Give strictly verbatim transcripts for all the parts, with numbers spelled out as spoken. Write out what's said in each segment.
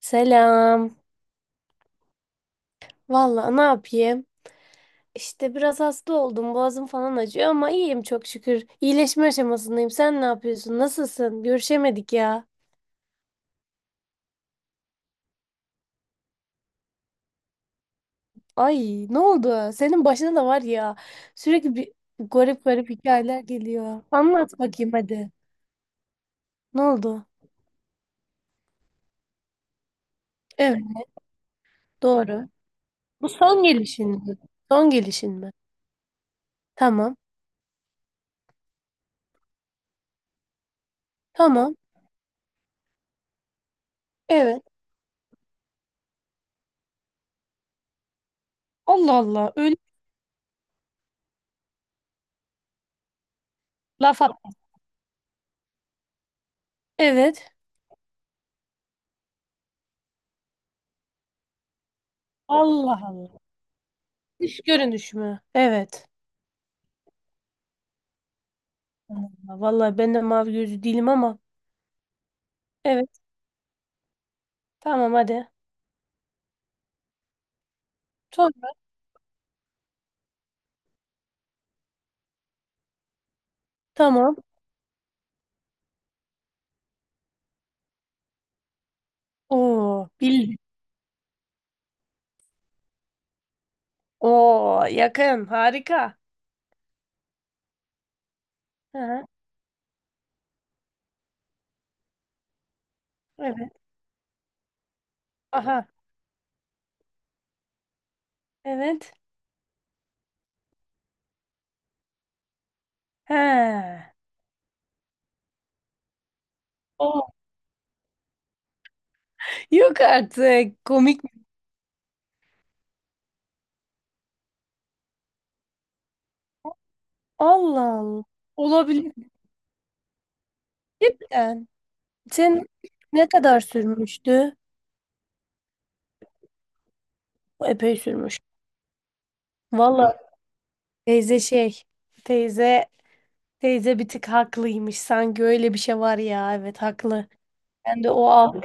Selam. Valla ne yapayım? İşte biraz hasta oldum. Boğazım falan acıyor ama iyiyim çok şükür. İyileşme aşamasındayım. Sen ne yapıyorsun? Nasılsın? Görüşemedik ya. Ay ne oldu? Senin başına da var ya. Sürekli bir garip garip hikayeler geliyor. Anlat bakayım hadi. Ne oldu? Evet, doğru. Bu son gelişin mi? Son gelişin mi? Tamam. Tamam. Evet. Allah Allah. Öyle laf at. Evet. Allah Allah. Dış görünüş mü? Evet. Vallahi ben de mavi gözlü değilim ama. Evet. Tamam hadi. Sonra tamam. Oo bildim. Oo yakın. Harika. Ha, evet. Aha. Evet. He. Oo. Yok artık. Komik. Mi? Allah Allah. Olabilir. Cidden. Sen ne kadar sürmüştü? Epey sürmüş. Valla teyze şey. Teyze teyze bir tık haklıymış. Sanki öyle bir şey var ya. Evet haklı. Ben de o algı.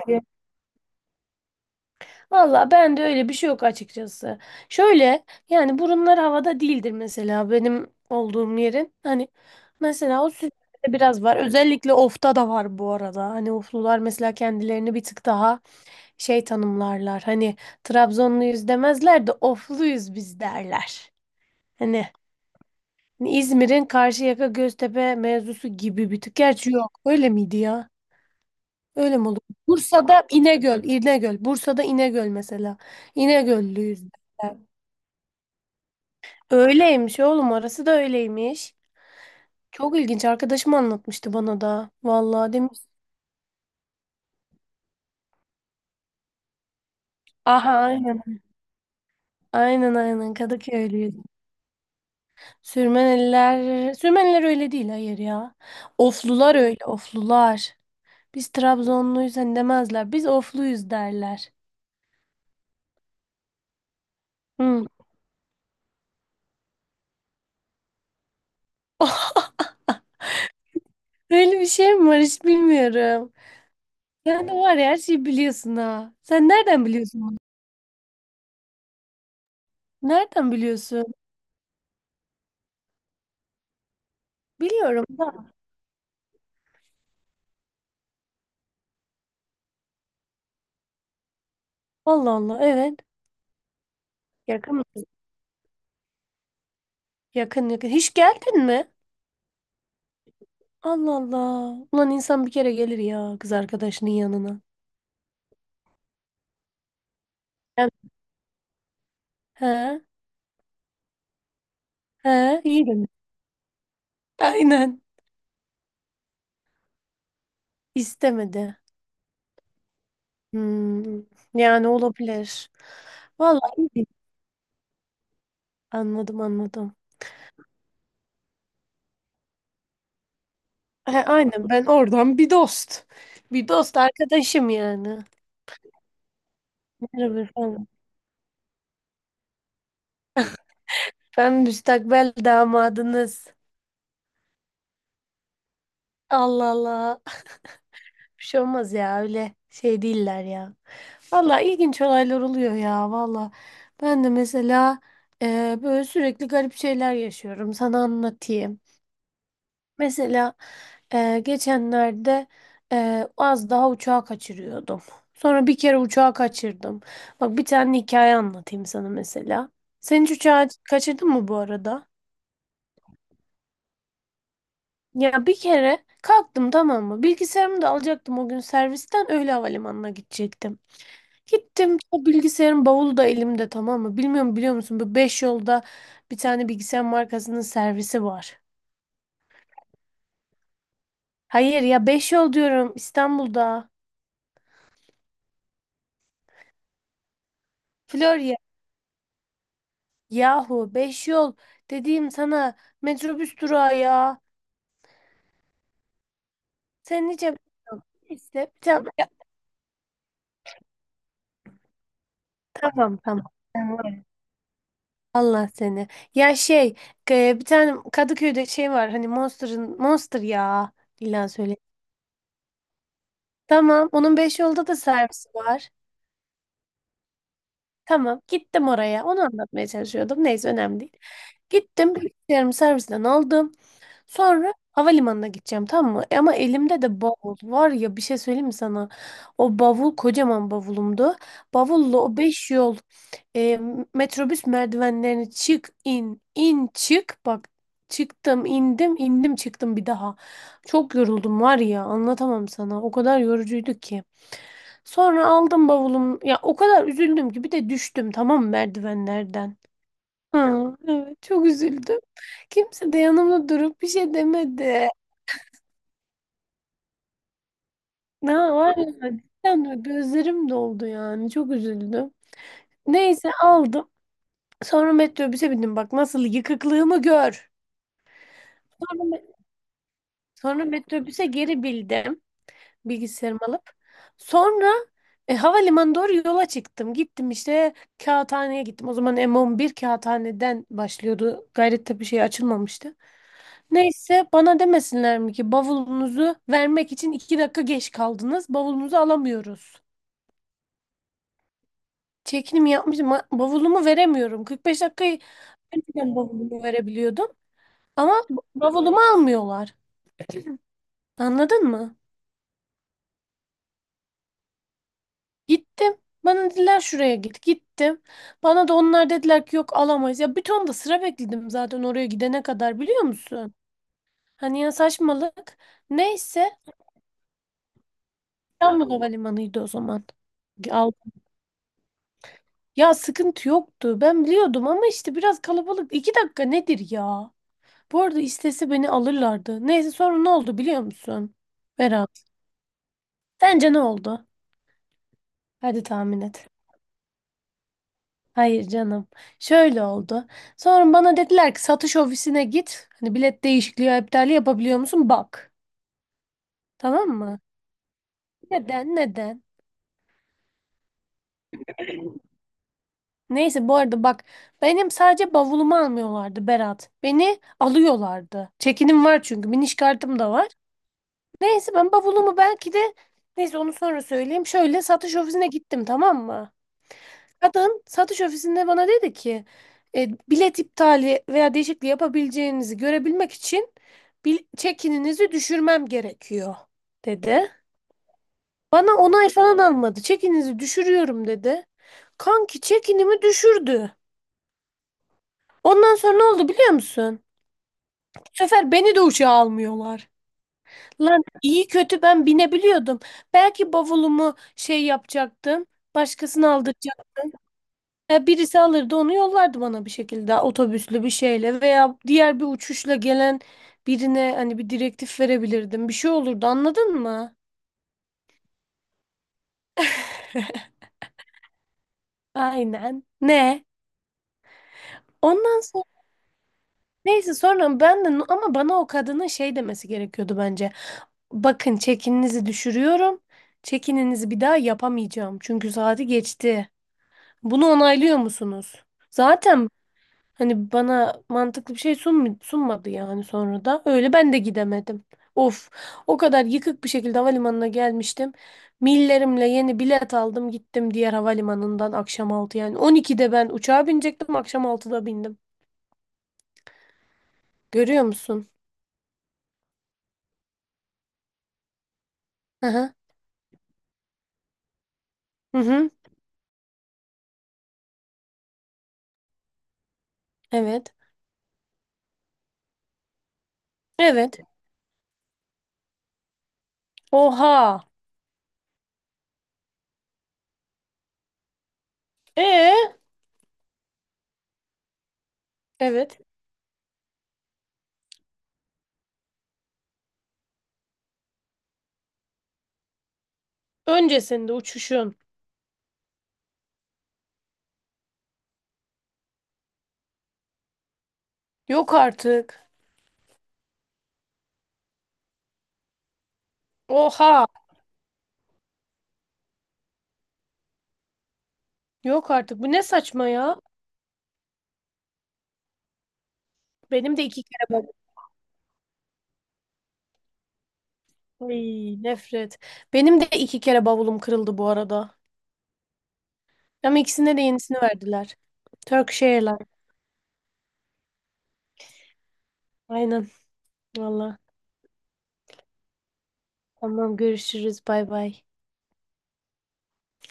Valla ben de öyle bir şey yok açıkçası. Şöyle yani burunlar havada değildir mesela benim olduğum yerin. Hani mesela o sütlerde biraz var. Özellikle ofta da var bu arada. Hani oflular mesela kendilerini bir tık daha şey tanımlarlar. Hani Trabzonluyuz demezler de ofluyuz biz derler. Hani İzmir'in Karşıyaka Göztepe mevzusu gibi bir tık. Gerçi yok. Öyle miydi ya? Öyle mi olur? Bursa'da İnegöl, İnegöl. Bursa'da İnegöl mesela. İnegöllüyüz. Öyleymiş oğlum orası da öyleymiş. Çok ilginç arkadaşım anlatmıştı bana da. Vallahi demiş. Aha aynen. Aynen aynen Kadıköylüyüz. Sürmeneliler, Sürmeniler öyle değil hayır ya. Oflular öyle oflular. Biz Trabzonluyuz hani demezler. Biz ofluyuz derler. Hı. Öyle bir şey mi var hiç bilmiyorum. Sen de var ya her şeyi biliyorsun ha. Sen nereden biliyorsun bunu? Nereden biliyorsun? Biliyorum da. Allah Allah evet. Yakın. Mı? Yakın yakın. Hiç geldin mi? Allah Allah. Ulan insan bir kere gelir ya kız arkadaşının yanına. Hem- He, he, iyi demiş. Aynen. İstemedi. Hmm, yani olabilir. Vallahi iyi. Değil. Anladım anladım. He, aynen ben oradan bir dost. Bir dost arkadaşım yani. Merhaba efendim. Ben müstakbel damadınız. Allah Allah. Bir şey olmaz ya öyle şey değiller ya. Valla ilginç olaylar oluyor ya valla. Ben de mesela e, böyle sürekli garip şeyler yaşıyorum. Sana anlatayım. Mesela e, geçenlerde e, az daha uçağı kaçırıyordum. Sonra bir kere uçağı kaçırdım. Bak bir tane hikaye anlatayım sana mesela. Sen hiç uçağı kaçırdın mı bu arada? Ya bir kere kalktım tamam mı? Bilgisayarımı da alacaktım o gün servisten öyle havalimanına gidecektim. Gittim o bilgisayarın bavulu da elimde tamam mı? Bilmiyorum biliyor musun bu beş yolda bir tane bilgisayar markasının servisi var. Hayır ya beş yol diyorum İstanbul'da. Florya. Yahu beş yol dediğim sana metrobüs durağı ya. Sen nice neyse bir tane ya, tamam tamam. Sen Allah seni. Ya şey e, bir tane Kadıköy'de şey var hani Monster'ın Monster ya. İlla söyle. Tamam onun beş yolda da servisi var. Tamam gittim oraya. Onu anlatmaya çalışıyordum. Neyse önemli değil. Gittim bilgisayarımı servisten aldım. Sonra havalimanına gideceğim tamam mı? E ama elimde de bavul var ya bir şey söyleyeyim mi sana? O bavul kocaman bavulumdu. Bavulla o beş yol e, metrobüs merdivenlerini çık in in çık bak çıktım indim indim çıktım bir daha. Çok yoruldum var ya anlatamam sana o kadar yorucuydu ki. Sonra aldım bavulum ya o kadar üzüldüm ki bir de düştüm tamam mı merdivenlerden ha evet, çok üzüldüm. Kimse de yanımda durup bir şey demedi. Ne var ya cidden böyle gözlerim doldu yani çok üzüldüm. Neyse aldım. Sonra metrobüse bindim bak nasıl yıkıklığımı gör. Sonra, me- sonra metrobüse geri bildim bilgisayarımı alıp. Sonra e, havalimanı doğru yola çıktım. Gittim işte kağıthaneye gittim. O zaman m on bir kağıthaneden başlıyordu. Gayrettepe şey açılmamıştı. Neyse bana demesinler mi ki bavulunuzu vermek için iki dakika geç kaldınız. Bavulunuzu alamıyoruz. Çekinimi yapmışım. ma- Bavulumu veremiyorum. kırk beş dakikayı önceden bavulumu verebiliyordum. Ama b- bavulumu almıyorlar. Anladın mı? Gittim. Bana dediler şuraya git. Gittim. Bana da onlar dediler ki yok alamayız. Ya bir ton da sıra bekledim zaten oraya gidene kadar biliyor musun? Hani ya saçmalık. Neyse İstanbul Havalimanı'ydı o zaman. Ya sıkıntı yoktu. Ben biliyordum ama işte biraz kalabalık. İki dakika nedir ya? Bu arada istese beni alırlardı. Neyse sonra ne oldu biliyor musun? Berat. Sence ne oldu? Hadi tahmin et. Hayır canım. Şöyle oldu. Sonra bana dediler ki satış ofisine git. Hani bilet değişikliği ya iptali yapabiliyor musun? Bak. Tamam mı? Neden? Neden? Neyse bu arada bak benim sadece bavulumu almıyorlardı Berat. Beni alıyorlardı. Çekinim var çünkü biniş kartım da var. Neyse ben bavulumu belki de neyse onu sonra söyleyeyim. Şöyle satış ofisine gittim tamam mı? Kadın satış ofisinde bana dedi ki e, bilet iptali veya değişikliği yapabileceğinizi görebilmek için bil çekininizi düşürmem gerekiyor dedi. Bana onay falan almadı. Çekinizi düşürüyorum dedi. Kanki çekinimi düşürdü. Ondan sonra ne oldu biliyor musun? Bu sefer beni de uçağa almıyorlar. Lan iyi kötü ben binebiliyordum. Belki bavulumu şey yapacaktım. Başkasını aldıracaktım. Ya birisi alırdı onu yollardı bana bir şekilde otobüslü bir şeyle veya diğer bir uçuşla gelen birine hani bir direktif verebilirdim. Bir şey olurdu anladın mı? Aynen. Ne? Ondan sonra neyse sonra ben de ama bana o kadının şey demesi gerekiyordu bence. Bakın çekininizi düşürüyorum. Çekininizi bir daha yapamayacağım. Çünkü saati geçti. Bunu onaylıyor musunuz? Zaten hani bana mantıklı bir şey sunm sunmadı yani sonra da. Öyle ben de gidemedim. Of, o kadar yıkık bir şekilde havalimanına gelmiştim. Millerimle yeni bilet aldım gittim diğer havalimanından akşam altı yani. on ikide ben uçağa binecektim akşam altıda bindim. Görüyor musun? Hı hı. Hı hı. Evet. Evet. Oha. Ee. Evet. Öncesinde uçuşun. Yok artık. Oha. Yok artık. Bu ne saçma ya? Benim de iki kere bavulum. Ay, nefret. Benim de iki kere bavulum kırıldı bu arada. Ama ikisinde de yenisini verdiler. Turkish Airlines. Aynen. Valla. Tamam görüşürüz. Bay bay.